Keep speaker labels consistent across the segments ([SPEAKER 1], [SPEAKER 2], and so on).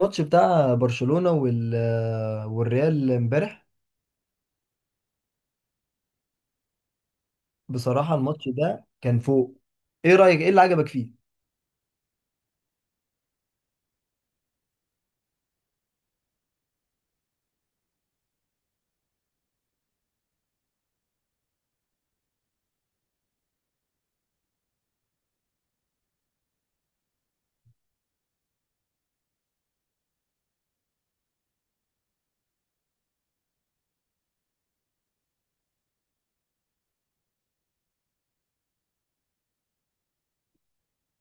[SPEAKER 1] الماتش بتاع برشلونة والريال امبارح. بصراحة الماتش ده كان فوق. ايه اللي عجبك فيه؟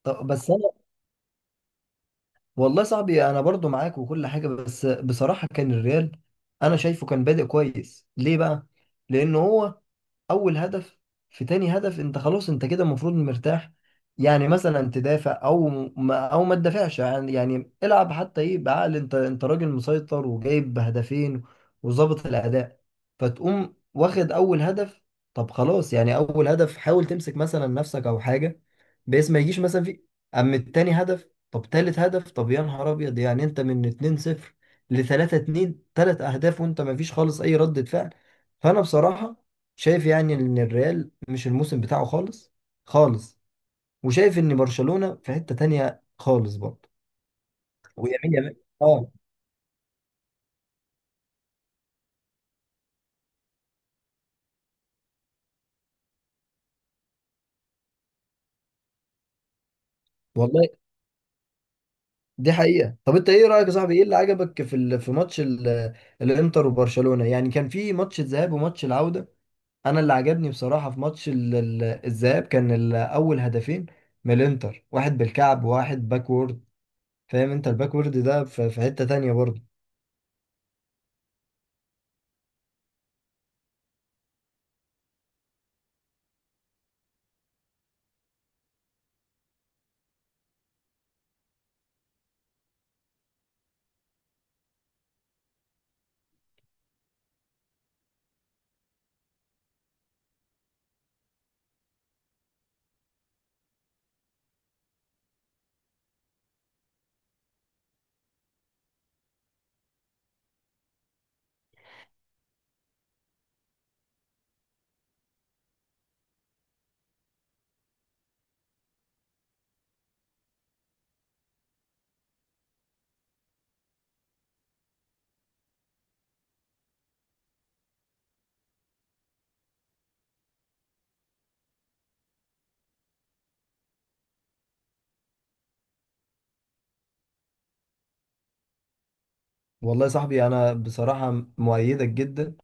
[SPEAKER 1] طب بس انا. والله صاحبي، انا برضو معاك وكل حاجة، بس بصراحة كان الريال انا شايفه كان بادئ كويس. ليه بقى؟ لان هو اول هدف، في تاني هدف انت خلاص، انت كده المفروض مرتاح. يعني مثلا تدافع او ما تدافعش، يعني العب حتى ايه بعقل، انت راجل مسيطر وجايب هدفين وظابط الاداء، فتقوم واخد اول هدف. طب خلاص، يعني اول هدف حاول تمسك مثلا نفسك او حاجه، بحيث ما يجيش مثلا في. اما التاني هدف، طب تالت هدف، طب يا نهار ابيض، يعني انت من 2-0 ل 3-2 تلات اهداف وانت ما فيش خالص اي ردة فعل. فانا بصراحة شايف يعني ان الريال مش الموسم بتاعه خالص خالص، وشايف ان برشلونة في حتة تانية خالص برضه. ويمين. اه والله، دي حقيقة. طب انت ايه رأيك يا صاحبي، ايه اللي عجبك في ماتش ال... الانتر وبرشلونة؟ يعني كان في ماتش الذهاب وماتش العودة. انا اللي عجبني بصراحة في ماتش الذهاب كان اول هدفين من الانتر، واحد بالكعب وواحد باكورد. فاهم انت، الباكورد ده في حتة تانية برضه. والله يا صاحبي انا بصراحة مؤيدك جدا،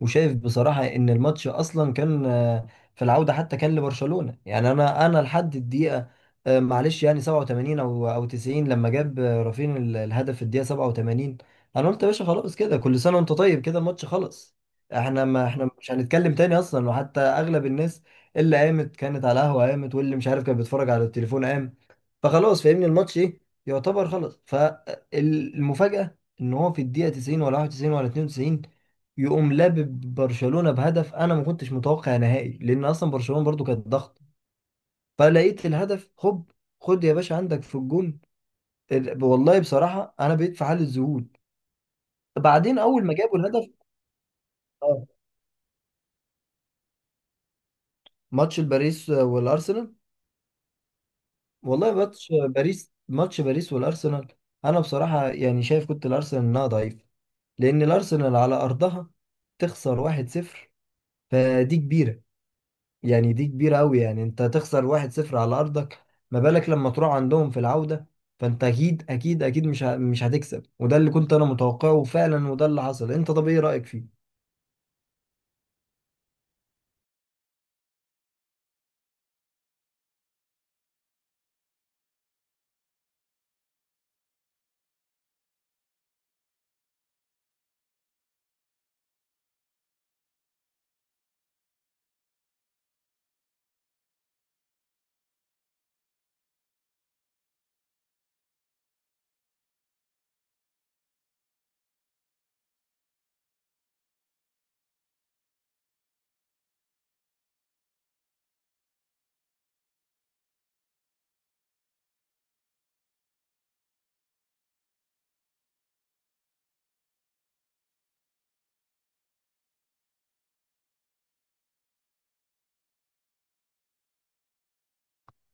[SPEAKER 1] وشايف بصراحة إن الماتش أصلا كان، في العودة حتى كان لبرشلونة. يعني أنا لحد الدقيقة معلش يعني 87 أو 90، لما جاب رافين الهدف في الدقيقة 87، أنا قلت يا باشا خلاص، كده كل سنة وأنت طيب، كده الماتش خلص. إحنا ما إحنا مش هنتكلم تاني أصلا. وحتى أغلب الناس اللي قامت كانت على قهوة قامت، واللي مش عارف كان بيتفرج على التليفون قام. فخلاص فاهمني الماتش ايه، يعتبر خلاص. فالمفاجأة ان هو في الدقيقة 90 ولا 91 ولا 92 يقوم لابب برشلونة بهدف. انا ما كنتش متوقع نهائي، لان اصلا برشلونة برضو كانت ضغط، فلقيت الهدف هوب، خد يا باشا عندك في الجون. والله بصراحة انا بقيت في حالة ذهول بعدين اول ما جابوا الهدف. اه، ماتش باريس والارسنال. والله ماتش باريس، ماتش باريس والارسنال انا بصراحة يعني شايف كنت الارسنال انها ضعيفة، لأن الأرسنال على أرضها تخسر 1-0، فدي كبيرة. يعني دي كبيرة أوي، يعني أنت تخسر 1-0 على أرضك، ما بالك لما تروح عندهم في العودة؟ فأنت أكيد أكيد أكيد مش هتكسب، وده اللي كنت أنا متوقعه فعلا، وده اللي حصل. أنت طب إيه رأيك فيه؟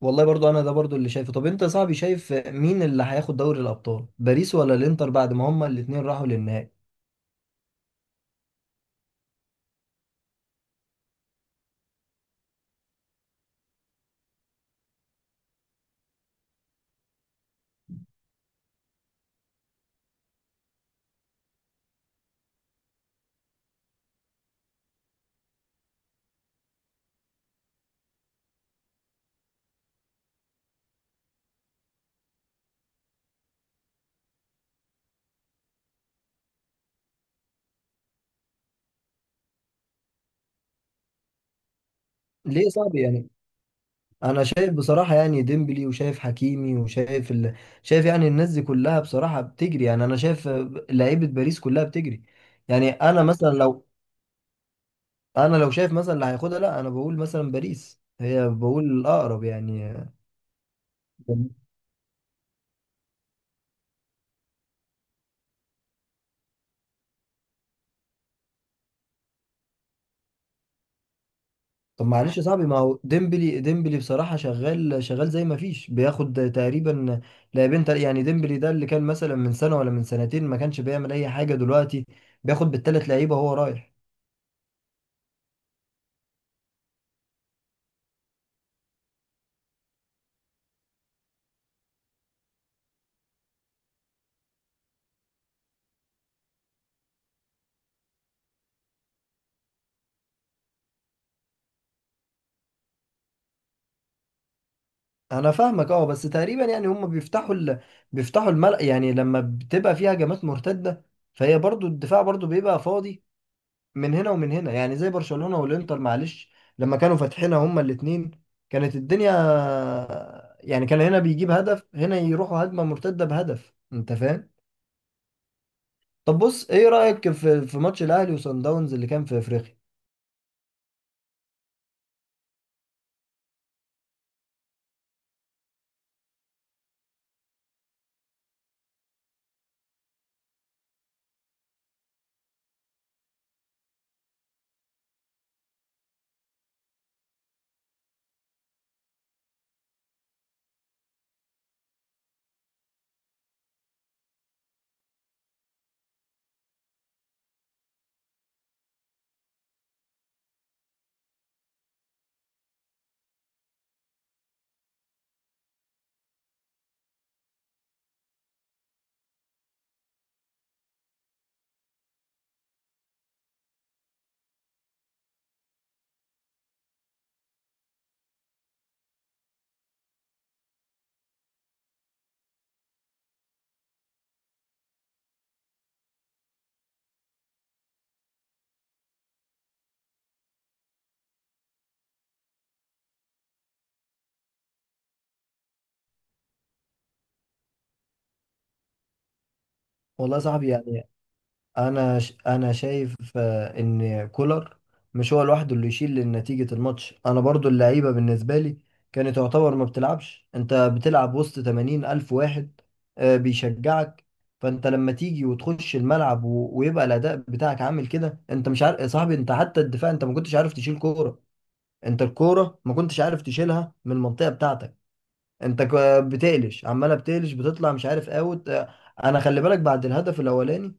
[SPEAKER 1] والله برضو أنا ده برضو اللي شايفه. طب أنت يا صاحبي شايف مين اللي هياخد دوري الأبطال؟ باريس ولا الإنتر، بعد ما هما الاتنين راحوا للنهائي؟ ليه يا صاحبي يعني؟ انا شايف بصراحه، يعني ديمبلي وشايف حكيمي وشايف ال... شايف يعني الناس دي كلها بصراحه بتجري. يعني انا شايف لعيبه باريس كلها بتجري. يعني انا مثلا لو، انا لو شايف مثلا اللي هياخدها، لا انا بقول مثلا باريس هي بقول الاقرب يعني. طب معلش يا صاحبي، ما هو ديمبلي، بصراحه شغال شغال، زي ما فيش بياخد تقريبا لاعبين. تل... يعني ديمبلي ده اللي كان مثلا من سنه ولا من سنتين ما كانش بيعمل اي حاجه، دلوقتي بياخد بالثلاث لعيبه وهو رايح. انا فاهمك اه، بس تقريبا يعني هم بيفتحوا ال... بيفتحوا الملأ، يعني لما بتبقى فيها هجمات مرتدة فهي برضو الدفاع برضو بيبقى فاضي من هنا ومن هنا. يعني زي برشلونة والانتر معلش، لما كانوا فاتحينها هما الاتنين كانت الدنيا. يعني كان هنا بيجيب هدف، هنا يروحوا هجمة مرتدة بهدف، انت فاهم. طب بص، ايه رأيك في في ماتش الاهلي وصن داونز اللي كان في افريقيا؟ والله يا صاحبي يعني، انا شايف ان كولر مش هو لوحده اللي يشيل نتيجة الماتش. انا برضو اللعيبة بالنسبة لي كانت تعتبر ما بتلعبش. انت بتلعب وسط 80 الف واحد بيشجعك، فانت لما تيجي وتخش الملعب ويبقى الاداء بتاعك عامل كده، انت مش عارف يا صاحبي. انت حتى الدفاع انت ما كنتش عارف تشيل كورة، انت الكورة ما كنتش عارف تشيلها من المنطقة بتاعتك. انت بتقلش، عماله بتقلش، بتطلع مش عارف اوت. انا خلي بالك، بعد الهدف الاولاني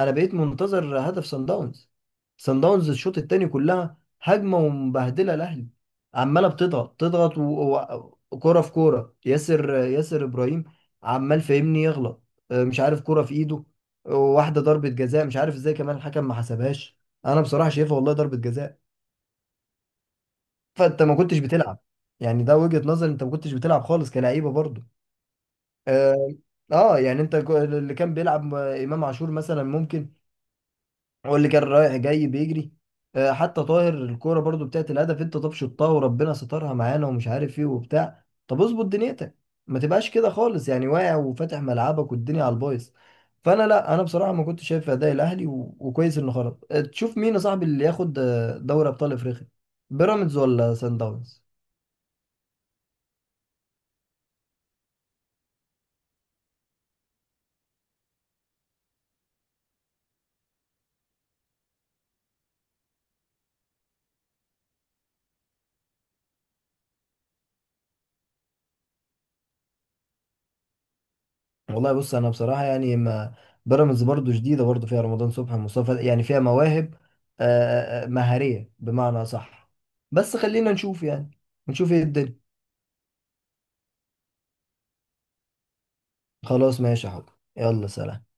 [SPEAKER 1] انا بقيت منتظر هدف صن داونز. صن داونز الشوط التاني كلها هجمه ومبهدله الاهلي، عماله بتضغط تضغط وكوره في كوره، ياسر ابراهيم عمال فاهمني يغلط. اه، مش عارف كوره في ايده. اه، واحده ضربه جزاء مش عارف ازاي كمان الحكم ما حسبهاش، انا بصراحه شايفها والله ضربه جزاء. فانت ما كنتش بتلعب، يعني ده وجهة نظر، انت ما كنتش بتلعب خالص كلعيبه برضو. اه. يعني انت اللي كان بيلعب امام عاشور مثلا ممكن، هو اللي كان رايح جاي بيجري. حتى طاهر الكوره برضو بتاعت الهدف، انت طب شطها وربنا سترها معانا ومش عارف ايه وبتاع، طب اظبط دنيتك ما تبقاش كده خالص، يعني واقع وفاتح ملعبك والدنيا على البايظ. فانا لا، انا بصراحه ما كنتش شايف اداء الاهلي وكويس انه خرج. تشوف مين يا صاحبي اللي ياخد دوري ابطال افريقيا، بيراميدز ولا سان داونز؟ والله بص، انا بصراحه يعني ما، بيراميدز برضو جديده، برضو فيها رمضان صبحي مصطفى، يعني فيها مواهب آه، مهاريه بمعنى صح، بس خلينا نشوف يعني، نشوف ايه الدنيا. خلاص ماشي يا حب، يلا سلام.